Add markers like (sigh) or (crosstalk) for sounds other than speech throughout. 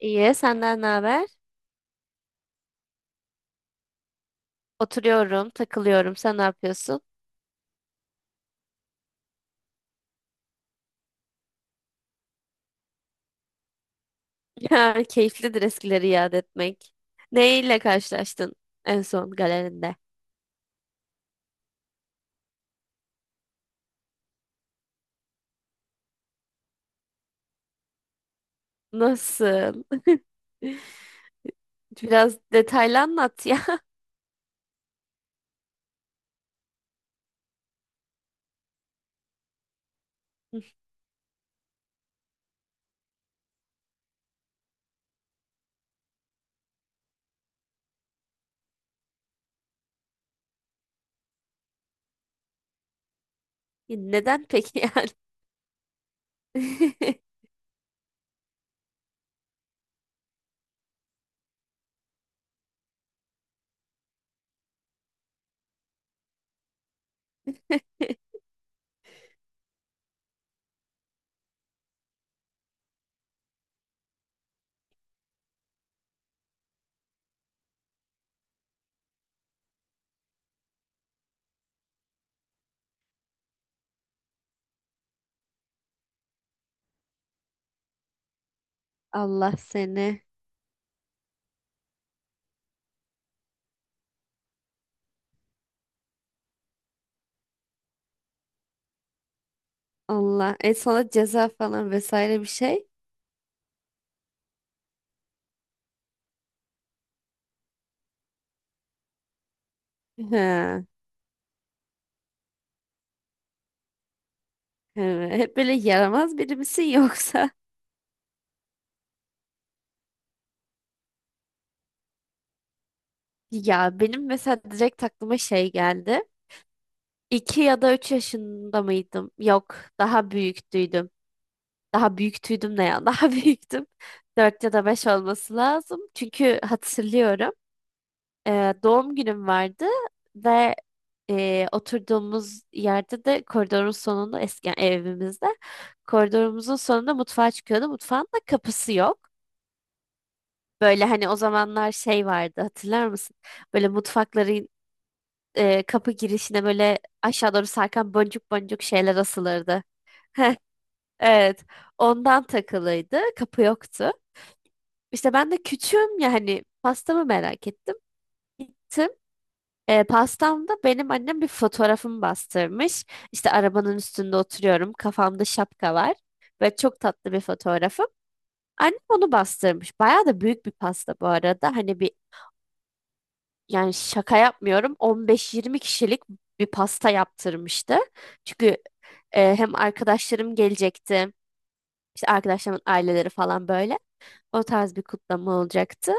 İyi, senden ne haber? Oturuyorum, takılıyorum. Sen ne yapıyorsun? (laughs) Ya, keyiflidir eskileri yad etmek. Neyle karşılaştın en son galerinde? Nasıl? Biraz detaylı anlat ya. (laughs) Neden peki yani? (laughs) Allah seni. Allah. E, sana ceza falan vesaire bir şey? Ha, evet. Hep böyle yaramaz biri misin yoksa? (laughs) Ya benim mesela direkt aklıma şey geldi. 2 ya da 3 yaşında mıydım? Yok, daha büyüktüydüm. Daha büyüktüydüm ne ya? (laughs) Daha büyüktüm. 4 ya da 5 olması lazım. Çünkü hatırlıyorum. e, Doğum günüm vardı ve oturduğumuz yerde de koridorun sonunda, eski yani evimizde koridorumuzun sonunda mutfağa çıkıyordu. Mutfağın da kapısı yok. Böyle hani o zamanlar şey vardı, hatırlar mısın? Böyle mutfakların kapı girişine böyle aşağı doğru sarkan boncuk boncuk şeyler asılırdı. (laughs) Evet. Ondan takılıydı. Kapı yoktu. İşte ben de küçüğüm, yani pastamı merak ettim. Gittim. E, pastamda benim annem bir fotoğrafımı bastırmış. İşte arabanın üstünde oturuyorum. Kafamda şapka var. Ve çok tatlı bir fotoğrafım. Annem onu bastırmış. Bayağı da büyük bir pasta bu arada. Hani bir, yani şaka yapmıyorum. 15-20 kişilik bir pasta yaptırmıştı. Çünkü hem arkadaşlarım gelecekti. İşte arkadaşlarımın aileleri falan böyle. O tarz bir kutlama olacaktı.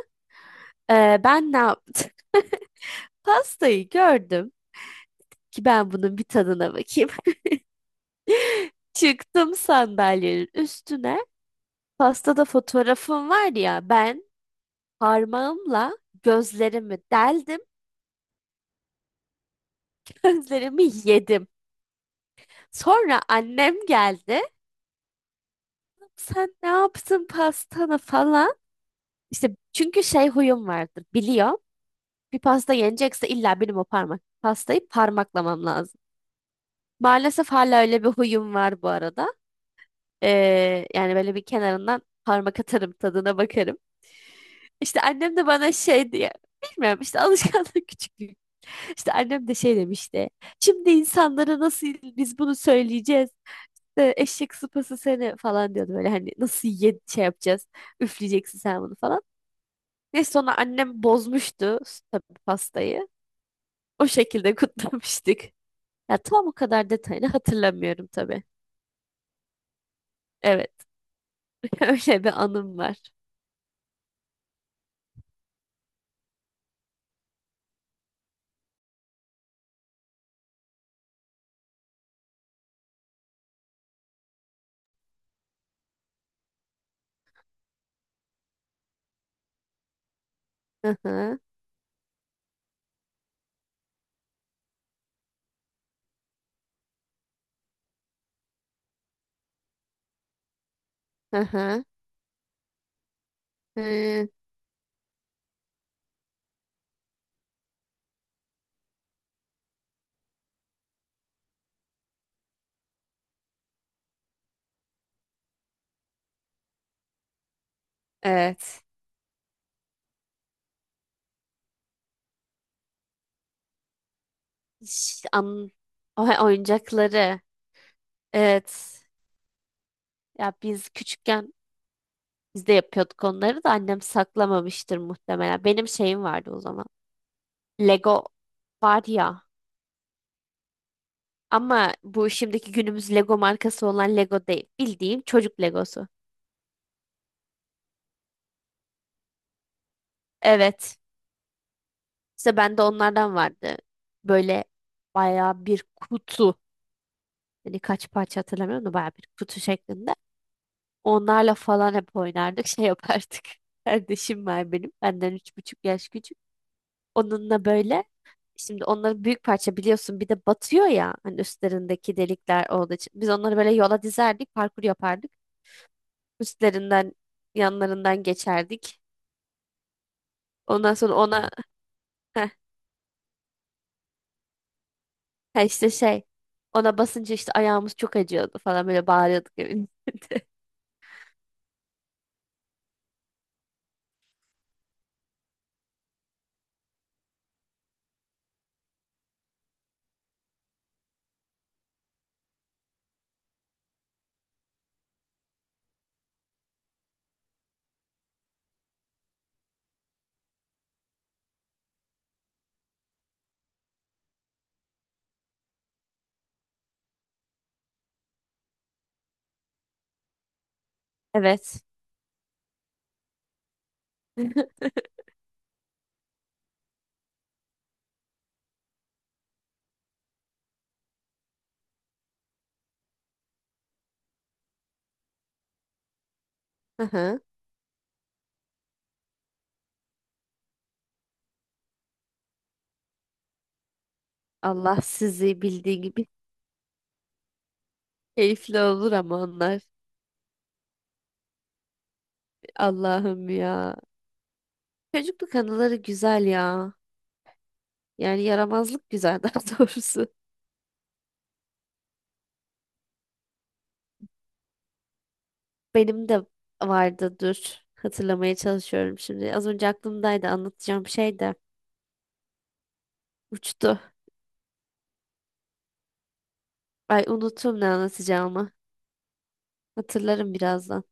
Ben ne yaptım? (laughs) Pastayı gördüm ki ben bunun bir tadına bakayım. (laughs) Çıktım sandalyenin üstüne. Pastada fotoğrafım var ya, ben parmağımla gözlerimi deldim, (laughs) gözlerimi yedim. Sonra annem geldi. Sen ne yaptın pastanı falan. İşte çünkü şey huyum vardır, biliyor. Bir pasta yenecekse illa benim o parmak pastayı parmaklamam lazım. Maalesef hala öyle bir huyum var bu arada. Yani böyle bir kenarından parmak atarım, tadına bakarım. İşte annem de bana şey diye bilmiyorum, işte alışkanlık (laughs) küçüklük. İşte annem de şey demişti. Şimdi insanlara nasıl biz bunu söyleyeceğiz? Eşek sıpası seni falan diyordu böyle, hani nasıl ye şey yapacağız? Üfleyeceksin sen bunu falan. Neyse sonra annem bozmuştu tabii pastayı. O şekilde (laughs) kutlamıştık. Ya tam o kadar detayını hatırlamıyorum tabii. Evet, (laughs) öyle bir anım var. Hı hı. Hı hı. Hı. Evet. Ş- An o oyuncakları. Evet. Ya biz küçükken biz de yapıyorduk onları da annem saklamamıştır muhtemelen. Benim şeyim vardı o zaman. Lego var ya. Ama bu şimdiki günümüz Lego markası olan Lego değil. Bildiğim çocuk Legosu. Evet. İşte bende onlardan vardı. Böyle bayağı bir kutu. Hani kaç parça hatırlamıyorum da bayağı bir kutu şeklinde. Onlarla falan hep oynardık. Şey yapardık. (laughs) Kardeşim var benim. Benden 3,5 yaş küçük. Onunla böyle şimdi onları büyük parça biliyorsun, bir de batıyor ya hani üstlerindeki delikler olduğu için. Biz onları böyle yola dizerdik, parkur yapardık. Üstlerinden, yanlarından geçerdik. Ondan sonra ona (laughs) heh, ha işte şey, ona basınca işte ayağımız çok acıyordu falan böyle bağırıyorduk evin içinde. (laughs) Evet. Hı hı. Allah sizi bildiği gibi (laughs) keyifli olur ama onlar. Allah'ım ya. Çocukluk anıları güzel ya. Yani yaramazlık güzel (laughs) daha doğrusu. Benim de vardı, dur. Hatırlamaya çalışıyorum şimdi. Az önce aklımdaydı, anlatacağım şey de uçtu. Ay, unuttum ne anlatacağımı. Hatırlarım birazdan.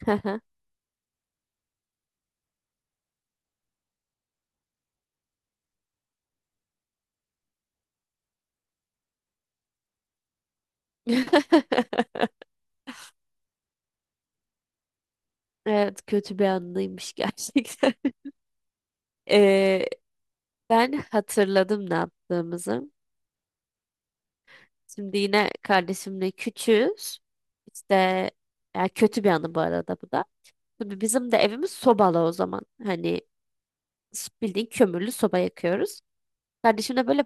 (laughs) Evet, kötü bir anıymış gerçekten. (laughs) Ee, Ben hatırladım ne yaptığımızı. Şimdi yine kardeşimle küçüğüz. İşte ya kötü bir anı bu arada bu da. Tabii bizim de evimiz sobalı o zaman. Hani s- bildiğin kömürlü soba yakıyoruz. Kardeşim de böyle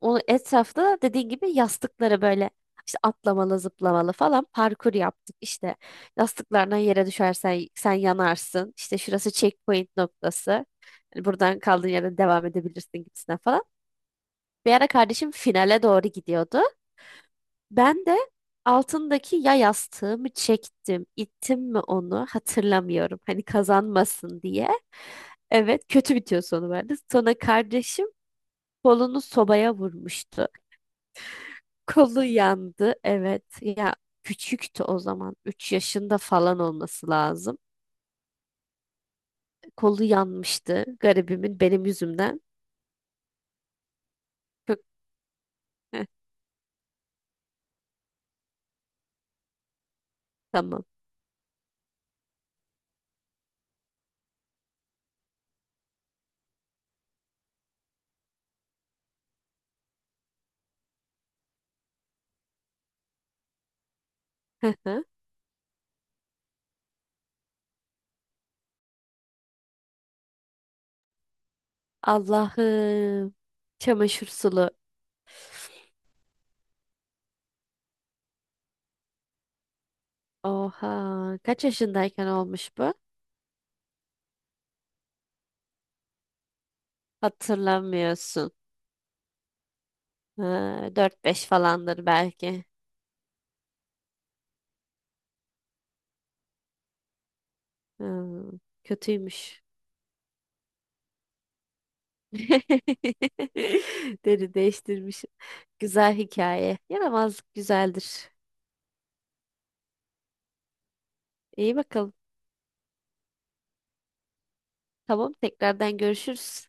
o etrafta dediğin gibi yastıkları böyle işte atlamalı, zıplamalı falan parkur yaptık. İşte yastıklardan yere düşersen sen yanarsın. İşte şurası checkpoint noktası. Hani buradan kaldığın yerden devam edebilirsin gibisine falan. Bir ara kardeşim finale doğru gidiyordu. Ben de altındaki, ya yastığımı çektim, ittim mi onu hatırlamıyorum. Hani kazanmasın diye. Evet, kötü bitiyor sonu verdi. Sonra kardeşim kolunu sobaya vurmuştu. Kolu yandı. Evet. Ya küçüktü o zaman. 3 yaşında falan olması lazım. Kolu yanmıştı garibimin benim yüzümden. Çok- heh, tamam. Hı hı. Allah'ım. Çamaşır sulu. Oha. Kaç yaşındayken olmuş bu? Hatırlamıyorsun. Ha, 4-5 falandır belki. Hmm, kötüymüş. (laughs) Deri değiştirmiş. Güzel hikaye. Yaramazlık güzeldir. İyi bakalım. Tamam, tekrardan görüşürüz.